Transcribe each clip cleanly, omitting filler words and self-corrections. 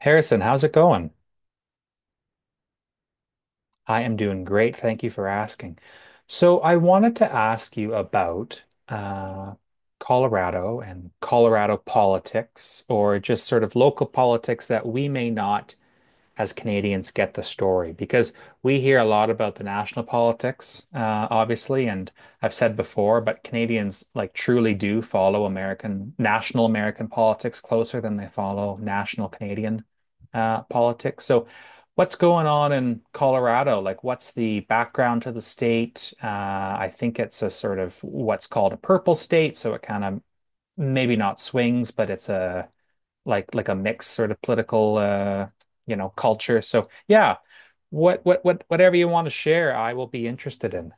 Harrison, how's it going? I am doing great. Thank you for asking. So, I wanted to ask you about uh, Colorado and Colorado politics, or just sort of local politics that we may not as Canadians get the story, because we hear a lot about the national politics, obviously, and I've said before, but Canadians like truly do follow American national American politics closer than they follow national Canadian politics. So, what's going on in Colorado? Like, what's the background to the state? I think it's a sort of what's called a purple state, so it kind of maybe not swings, but it's a like a mixed sort of political culture. So yeah, whatever you want to share, I will be interested in.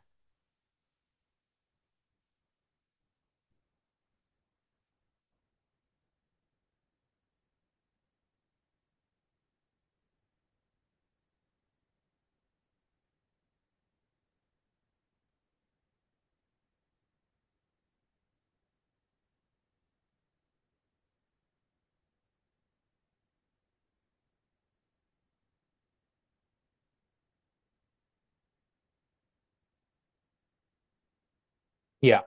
Yeah,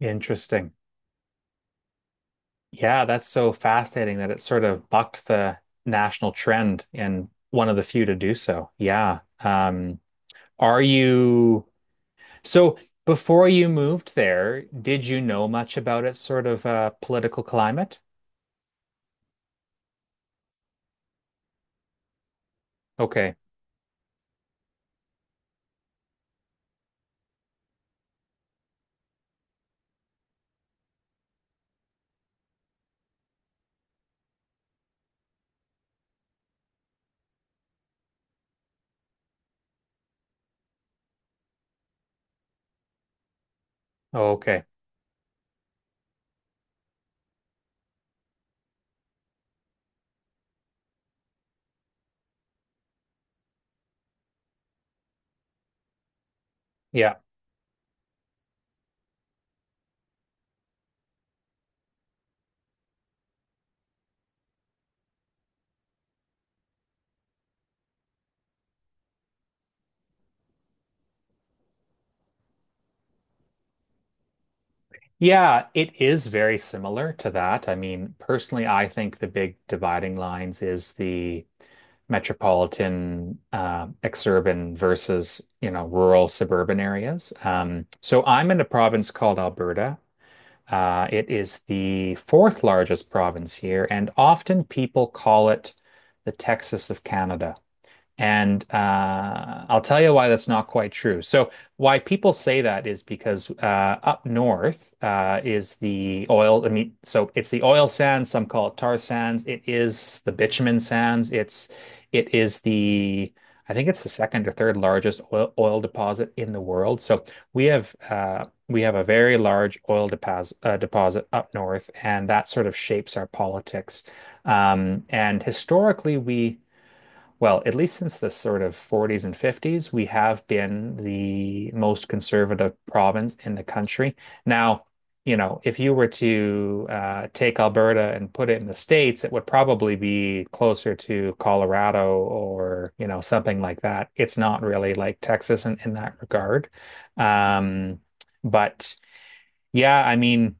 interesting. Yeah, that's so fascinating that it sort of bucked the national trend and one of the few to do so. Yeah. Are you so before you moved there, did you know much about its sort of political climate? Okay. Okay. Yeah. Yeah, it is very similar to that. I mean, personally, I think the big dividing lines is the metropolitan, exurban versus, you know, rural suburban areas. So I'm in a province called Alberta. It is the fourth largest province here, and often people call it the Texas of Canada. And I'll tell you why that's not quite true. So, why people say that is because up north is the oil. I mean, so it's the oil sands. Some call it tar sands. It is the bitumen sands. It's it is the I think it's the second or third largest oil deposit in the world. So we have a very large oil deposit deposit up north, and that sort of shapes our politics. And historically, we well, at least since the sort of 40s and 50s, we have been the most conservative province in the country. Now, you know, if you were to take Alberta and put it in the States, it would probably be closer to Colorado or, you know, something like that. It's not really like Texas in that regard. Um, but yeah, I mean,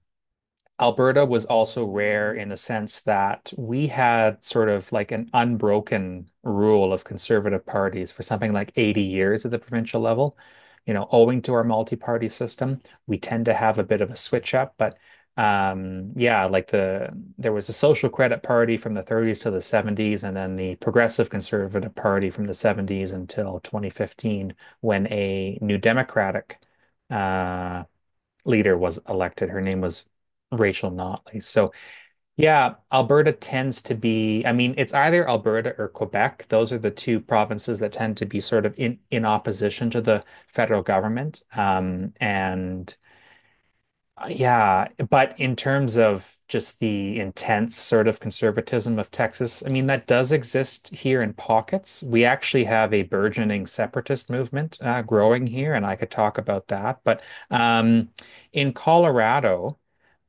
Alberta was also rare in the sense that we had sort of like an unbroken rule of conservative parties for something like 80 years at the provincial level. You know, owing to our multi-party system, we tend to have a bit of a switch up, but um, yeah, like the there was a Social Credit Party from the 30s to the 70s, and then the Progressive Conservative Party from the 70s until 2015, when a New Democratic uh, leader was elected. Her name was Rachel Notley. So, yeah, Alberta tends to be, I mean, it's either Alberta or Quebec. Those are the two provinces that tend to be sort of in opposition to the federal government. And yeah, but in terms of just the intense sort of conservatism of Texas, I mean, that does exist here in pockets. We actually have a burgeoning separatist movement growing here, and I could talk about that. But um, in Colorado,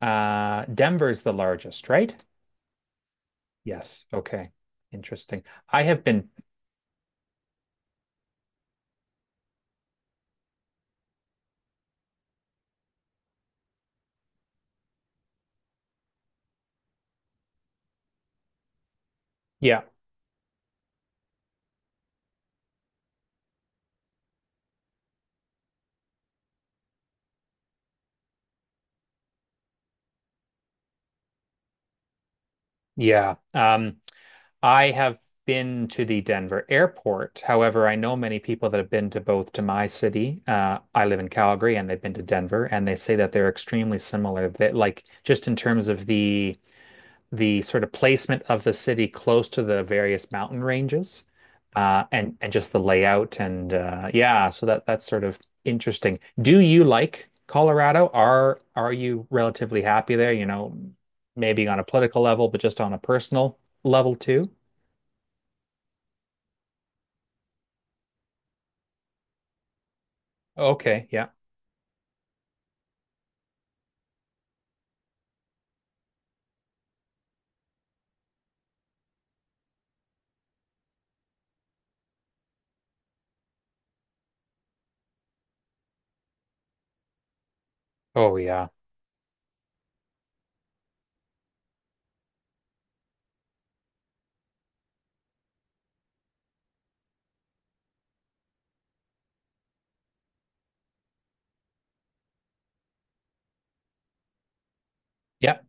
Denver's the largest, right? Yes. Okay. Interesting. I have been, yeah, yeah. I have been to the Denver airport. However, I know many people that have been to both to my city. I live in Calgary, and they've been to Denver, and they say that they're extremely similar. That like just in terms of the sort of placement of the city close to the various mountain ranges, and just the layout and yeah. So that's sort of interesting. Do you like Colorado? Are you relatively happy there? You know, maybe on a political level, but just on a personal level too. Okay. Yeah. Oh, yeah. Yeah.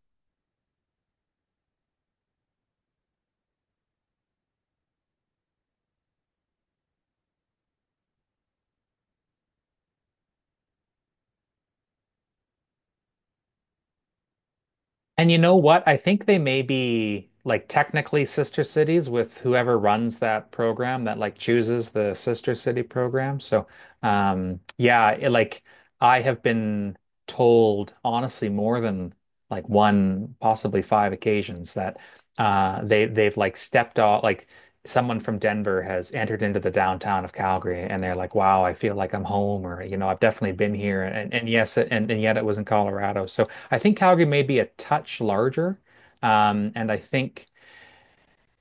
And you know what? I think they may be like technically sister cities with whoever runs that program that like chooses the sister city program. So, yeah, it, like I have been told honestly more than like one, possibly five occasions that they've like stepped off, like someone from Denver has entered into the downtown of Calgary and they're like, wow, I feel like I'm home, or you know, I've definitely been here, and yes, and yet it was in Colorado. So. I think Calgary may be a touch larger. And I think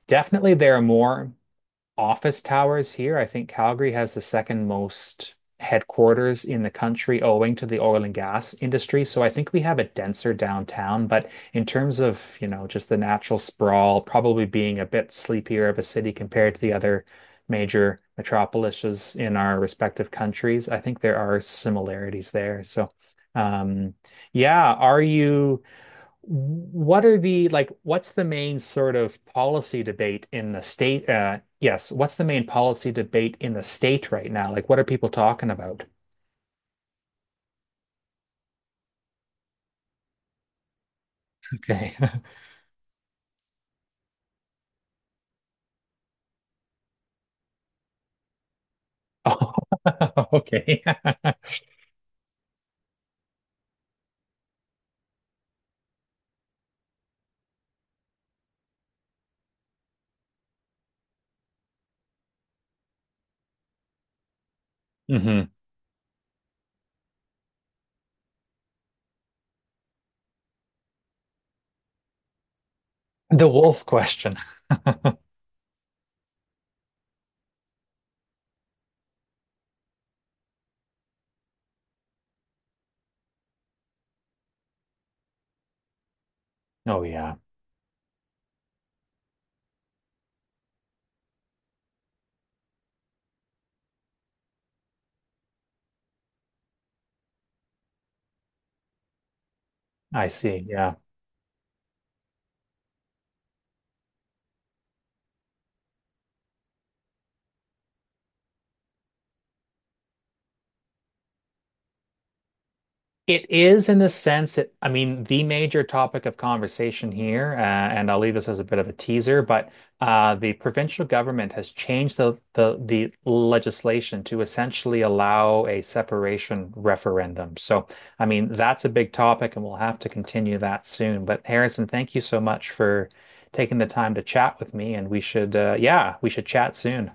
definitely there are more office towers here. I think Calgary has the second most headquarters in the country owing to the oil and gas industry. So I think we have a denser downtown, but in terms of, you know, just the natural sprawl, probably being a bit sleepier of a city compared to the other major metropolises in our respective countries, I think there are similarities there. So um yeah, are you what are the like what's the main sort of policy debate in the state what's the main policy debate in the state right now? Like, what are people talking about? Okay. Oh, okay. Hmm. The wolf question. Oh yeah, I see. Yeah. It is, in the sense that, I mean, the major topic of conversation here, and I'll leave this as a bit of a teaser, but the provincial government has changed the legislation to essentially allow a separation referendum. So, I mean, that's a big topic, and we'll have to continue that soon. But Harrison, thank you so much for taking the time to chat with me, and we should, yeah, we should chat soon.